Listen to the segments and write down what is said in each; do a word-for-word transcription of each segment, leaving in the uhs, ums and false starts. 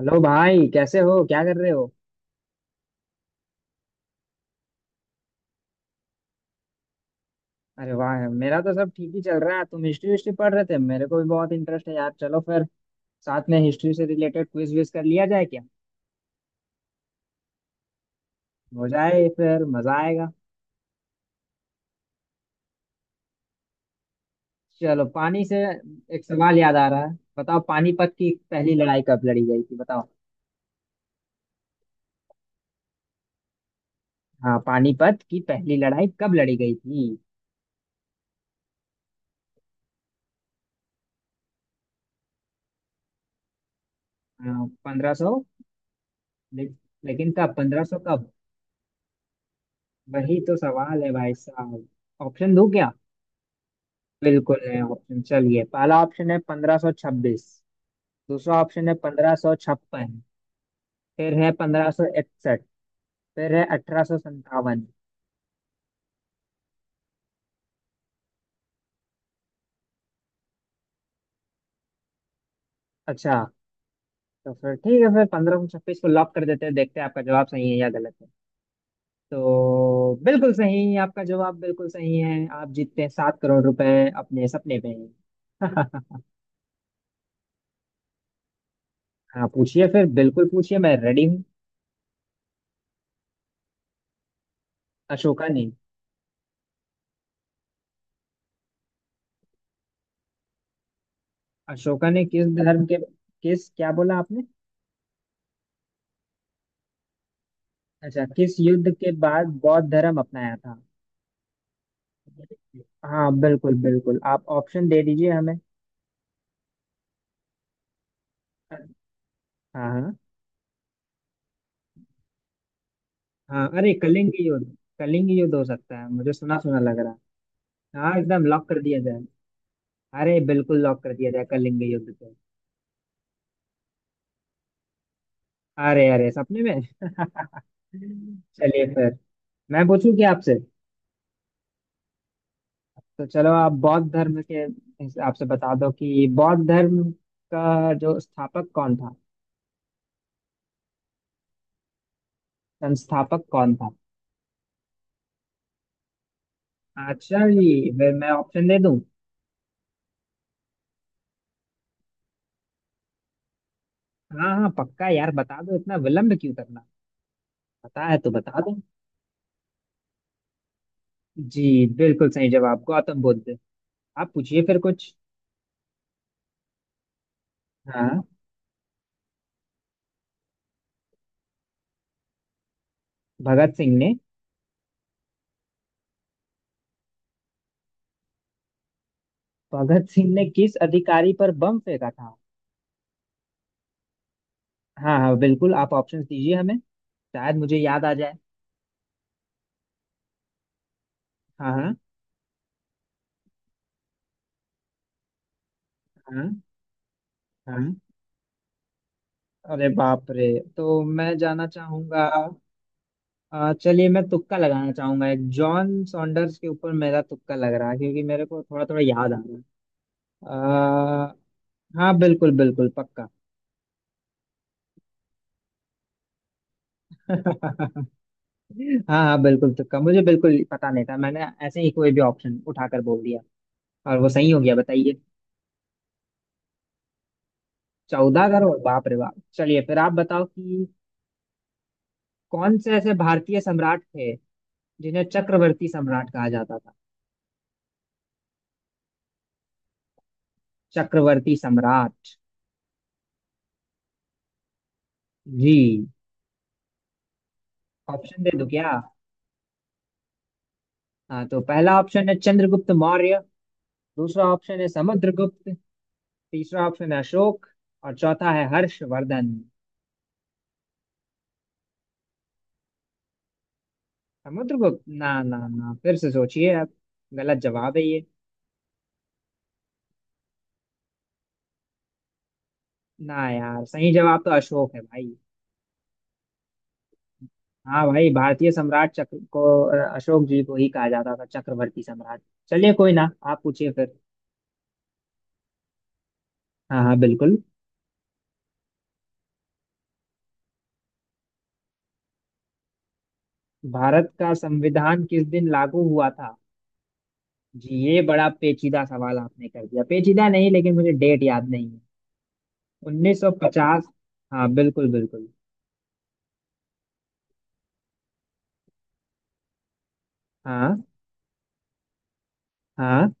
Hello भाई, कैसे हो? क्या कर रहे हो? अरे वाह, मेरा तो सब ठीक ही चल रहा है। तुम हिस्ट्री हिस्ट्री पढ़ रहे थे? मेरे को भी बहुत इंटरेस्ट है यार। चलो फिर साथ में हिस्ट्री से रिलेटेड क्विज विज कर लिया जाए क्या? हो जाए फिर, मजा आएगा। चलो पानी से एक सवाल याद आ रहा है, बताओ, पानीपत की पहली लड़ाई कब लड़ी गई थी? बताओ। हाँ, पानीपत की पहली लड़ाई कब लड़ी गई थी? पंद्रह सौ? लेकिन कब? पंद्रह सौ कब? वही तो सवाल है भाई साहब। ऑप्शन दूं क्या? बिल्कुल है ऑप्शन। चलिए, पहला ऑप्शन है पंद्रह सौ छब्बीस। दूसरा ऑप्शन है पंद्रह सौ छप्पन। फिर है पंद्रह सौ इकसठ। फिर है अठारह सौ संतावन। अच्छा, तो फिर ठीक है, फिर पंद्रह सौ छब्बीस को लॉक कर देते हैं। देखते हैं आपका जवाब सही है या गलत है। तो बिल्कुल सही, आपका जवाब बिल्कुल सही है। आप जीतते हैं सात करोड़ रुपए अपने सपने पे। हाँ पूछिए फिर, बिल्कुल पूछिए, मैं रेडी हूँ। अशोका ने? अशोका ने किस धर्म के? किस? क्या बोला आपने? अच्छा, किस युद्ध के बाद बौद्ध धर्म अपनाया था? हाँ बिल्कुल बिल्कुल, आप ऑप्शन दे दीजिए हमें। हाँ हाँ। हाँ अरे, कलिंग युद्ध। कलिंग युद्ध हो सकता है, मुझे सुना सुना लग रहा है। हाँ, एकदम लॉक कर दिया जाए। अरे बिल्कुल, लॉक कर दिया जाए कलिंग युद्ध को। अरे अरे, सपने में। चलिए फिर, मैं पूछूं क्या आपसे? तो चलो, आप बौद्ध धर्म के हिसाब से बता दो कि बौद्ध धर्म का जो स्थापक कौन था। संस्थापक कौन था? आचार्य जी, फिर मैं ऑप्शन दे दूं? हाँ हाँ, पक्का यार बता दो, इतना विलंब क्यों करना? पता है तो बता दो। जी, बिल्कुल सही जवाब, गौतम बुद्ध। आप पूछिए फिर कुछ। हाँ, भगत सिंह ने। भगत सिंह ने किस अधिकारी पर बम फेंका था? हाँ हाँ बिल्कुल, आप ऑप्शंस दीजिए हमें, शायद मुझे याद आ जाए। हाँ। हाँ। हाँ। हाँ अरे बाप रे, तो मैं जाना चाहूंगा। अ, चलिए, मैं तुक्का लगाना चाहूंगा, एक जॉन सॉन्डर्स के ऊपर मेरा तुक्का लग रहा है, क्योंकि मेरे को थोड़ा थोड़ा याद आ रहा है। अ, हाँ बिल्कुल बिल्कुल पक्का। हाँ हाँ बिल्कुल, तुक्का, मुझे बिल्कुल पता नहीं था, मैंने ऐसे ही कोई भी ऑप्शन उठाकर बोल दिया और वो सही हो गया, बताइए। चौदह करोड़, बाप रे बाप। चलिए फिर, आप बताओ कि कौन से ऐसे भारतीय सम्राट थे जिन्हें चक्रवर्ती सम्राट कहा जाता था। चक्रवर्ती सम्राट। जी। ऑप्शन दे दूं क्या? हाँ, तो पहला ऑप्शन है चंद्रगुप्त मौर्य। दूसरा ऑप्शन है समुद्रगुप्त। तीसरा ऑप्शन है अशोक। और चौथा है हर्षवर्धन। समुद्रगुप्त? ना ना ना, फिर से सोचिए आप, गलत जवाब है ये। ना यार, सही जवाब तो अशोक है भाई। हाँ भाई, भारतीय सम्राट चक्र को अ, अशोक जी को ही कहा जाता था चक्रवर्ती सम्राट। चलिए कोई ना, आप पूछिए फिर। हाँ हाँ बिल्कुल। भारत का संविधान किस दिन लागू हुआ था? जी, ये बड़ा पेचीदा सवाल आपने कर दिया। पेचीदा नहीं, लेकिन मुझे डेट याद नहीं है। उन्नीस सौ पचास। हाँ बिल्कुल बिल्कुल। हाँ। हाँ।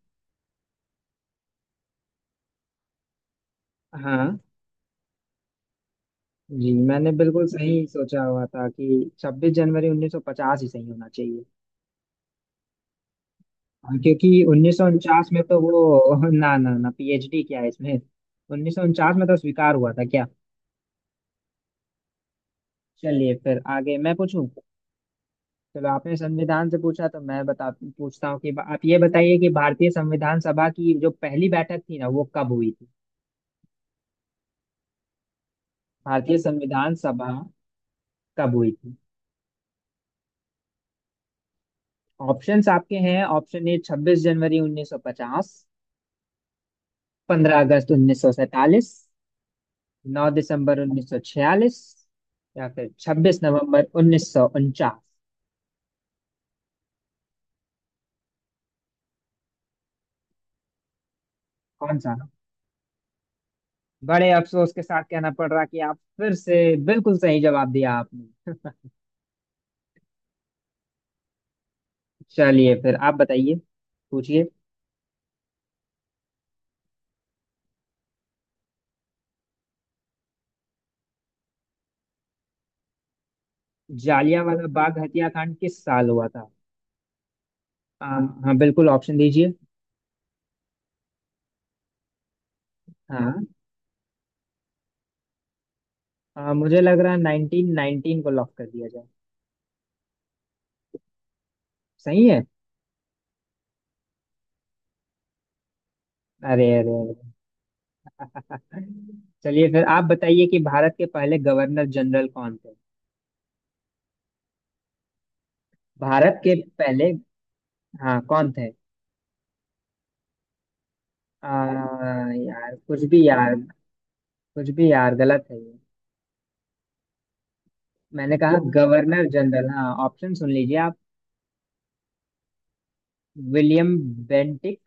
हाँ। जी, मैंने बिल्कुल सही सोचा हुआ था कि छब्बीस जनवरी उन्नीस सौ पचास ही सही होना चाहिए। हाँ, क्योंकि उन्नीस सौ उनचास में तो वो ना ना ना, पीएचडी क्या है इसमें? उन्नीस सौ उनचास में तो स्वीकार हुआ था क्या? चलिए फिर, आगे मैं पूछूं। चलो, आपने संविधान से पूछा तो मैं बता पूछता हूँ कि आप ये बताइए कि भारतीय संविधान सभा की जो पहली बैठक थी ना, वो कब हुई थी? भारतीय संविधान सभा कब हुई थी? ऑप्शंस आपके हैं। ऑप्शन ए, छब्बीस जनवरी उन्नीस सौ पचास। पंद्रह अगस्त उन्नीस सौ सैतालीस। नौ दिसंबर उन्नीस सौ छियालीस। या फिर छब्बीस नवंबर उन्नीस सौ उनचास। कौन सा? बड़े अफसोस के साथ कहना पड़ रहा कि आप फिर से बिल्कुल सही जवाब दिया आपने। चलिए फिर, आप बताइए, पूछिए। जालियांवाला बाग हत्याकांड किस साल हुआ था? आ, हाँ बिल्कुल, ऑप्शन दीजिए। हाँ। आ, मुझे लग रहा है नाइनटीन नाइनटीन को लॉक कर दिया जाए। सही है। अरे अरे अरे। चलिए फिर, आप बताइए कि भारत के पहले गवर्नर जनरल कौन थे। भारत के पहले। हाँ, कौन थे? आ, यार कुछ भी यार, कुछ भी यार गलत है। मैंने कहा गवर्नर जनरल, हाँ, ऑप्शन सुन लीजिए आप। विलियम बेंटिक,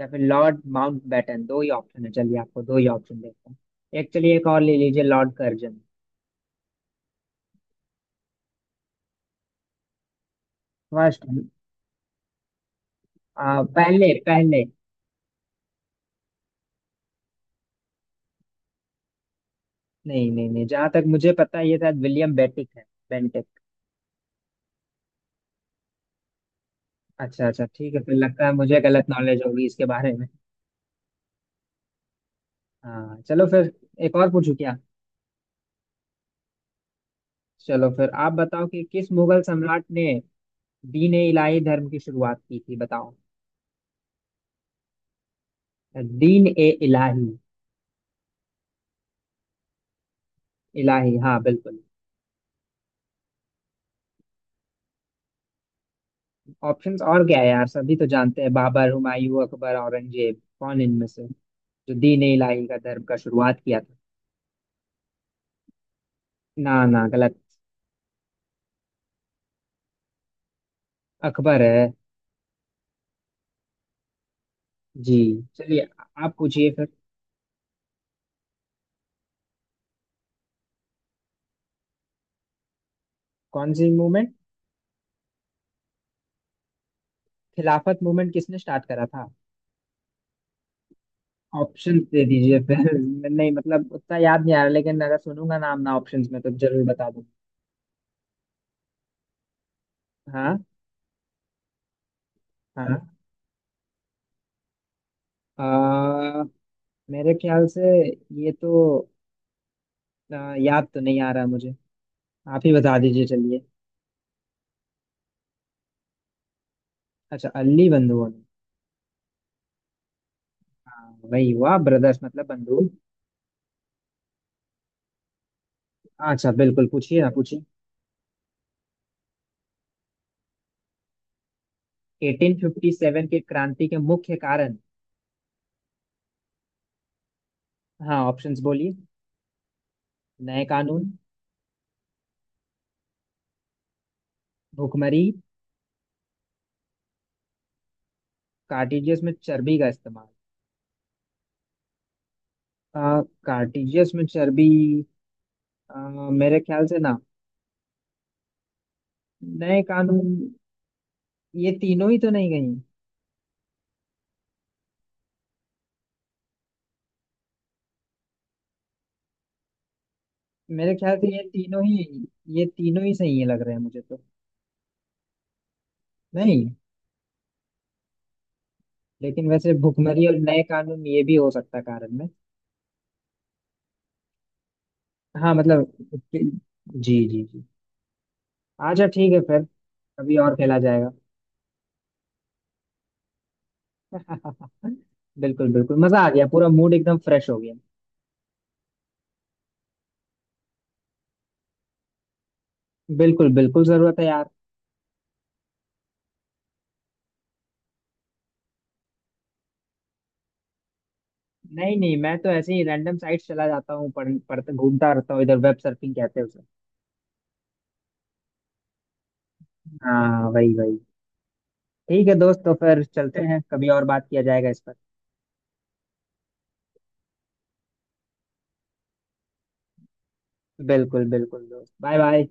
या फिर लॉर्ड माउंटबेटन। दो ही ऑप्शन है, चलिए आपको दो ही ऑप्शन देता हूँ। एक, चलिए एक और ले लीजिए, लॉर्ड कर्जन। फर्स्ट। पहले, पहले। नहीं नहीं नहीं, जहां तक मुझे पता है ये शायद विलियम बेंटिक है। बेंटिक। अच्छा अच्छा, ठीक है फिर, लगता है मुझे गलत नॉलेज होगी इसके बारे में। हाँ चलो फिर, एक और पूछू क्या? चलो फिर आप बताओ कि किस मुगल सम्राट ने दीन ए इलाही धर्म की शुरुआत की थी, बताओ। दीन ए इलाही। इलाही, हाँ बिल्कुल। ऑप्शंस और क्या है यार, सभी तो जानते हैं, बाबर, हुमायूं, अकबर, औरंगजेब, कौन इनमें से जो दीन इलाही का धर्म का शुरुआत किया था? ना ना, गलत। अकबर है। जी। चलिए आ- आप पूछिए फिर। कौन सी मूवमेंट? खिलाफत मूवमेंट किसने स्टार्ट करा था? ऑप्शंस दे दीजिए फिर। नहीं मतलब, उतना याद नहीं आ रहा, लेकिन अगर सुनूंगा नाम ना ऑप्शंस में, तो जरूर बता दूँ। हाँ। हाँ। आ, मेरे ख्याल से ये तो आ, याद तो नहीं आ रहा मुझे। आप ही बता दीजिए चलिए। अच्छा, अल्ली बंधुओं ने। हाँ, वही हुआ, ब्रदर्स मतलब बंधु। अच्छा बिल्कुल, पूछिए, आप पूछिए। एटीन फ़िफ़्टी सेवन की क्रांति के मुख्य कारण? हाँ, ऑप्शंस बोलिए। नए कानून। भुखमरी। कार्टिजियस में चर्बी का इस्तेमाल। आ, कार्टिजियस में चर्बी। आ, मेरे ख्याल से ना, नए कानून, ये तीनों ही तो नहीं गई। मेरे ख्याल से ये तीनों ही ये तीनों ही सही है लग रहे हैं मुझे तो। नहीं, लेकिन वैसे भुखमरी और नए कानून, ये भी हो सकता है कारण। हाँ मतलब जी, जी जी। अच्छा ठीक है फिर, अभी और खेला जाएगा। बिल्कुल बिल्कुल, मजा आ गया, पूरा मूड एकदम फ्रेश हो गया। बिल्कुल बिल्कुल जरूरत है यार। नहीं नहीं, मैं तो ऐसे ही रैंडम साइट चला जाता हूँ, पढ़ पढ़ता घूमता रहता हूँ इधर, वेब सर्फिंग कहते हैं उसे। हाँ वही वही। ठीक है दोस्त, तो फिर चलते हैं, कभी और बात किया जाएगा इस पर। बिल्कुल बिल्कुल दोस्त, बाय बाय।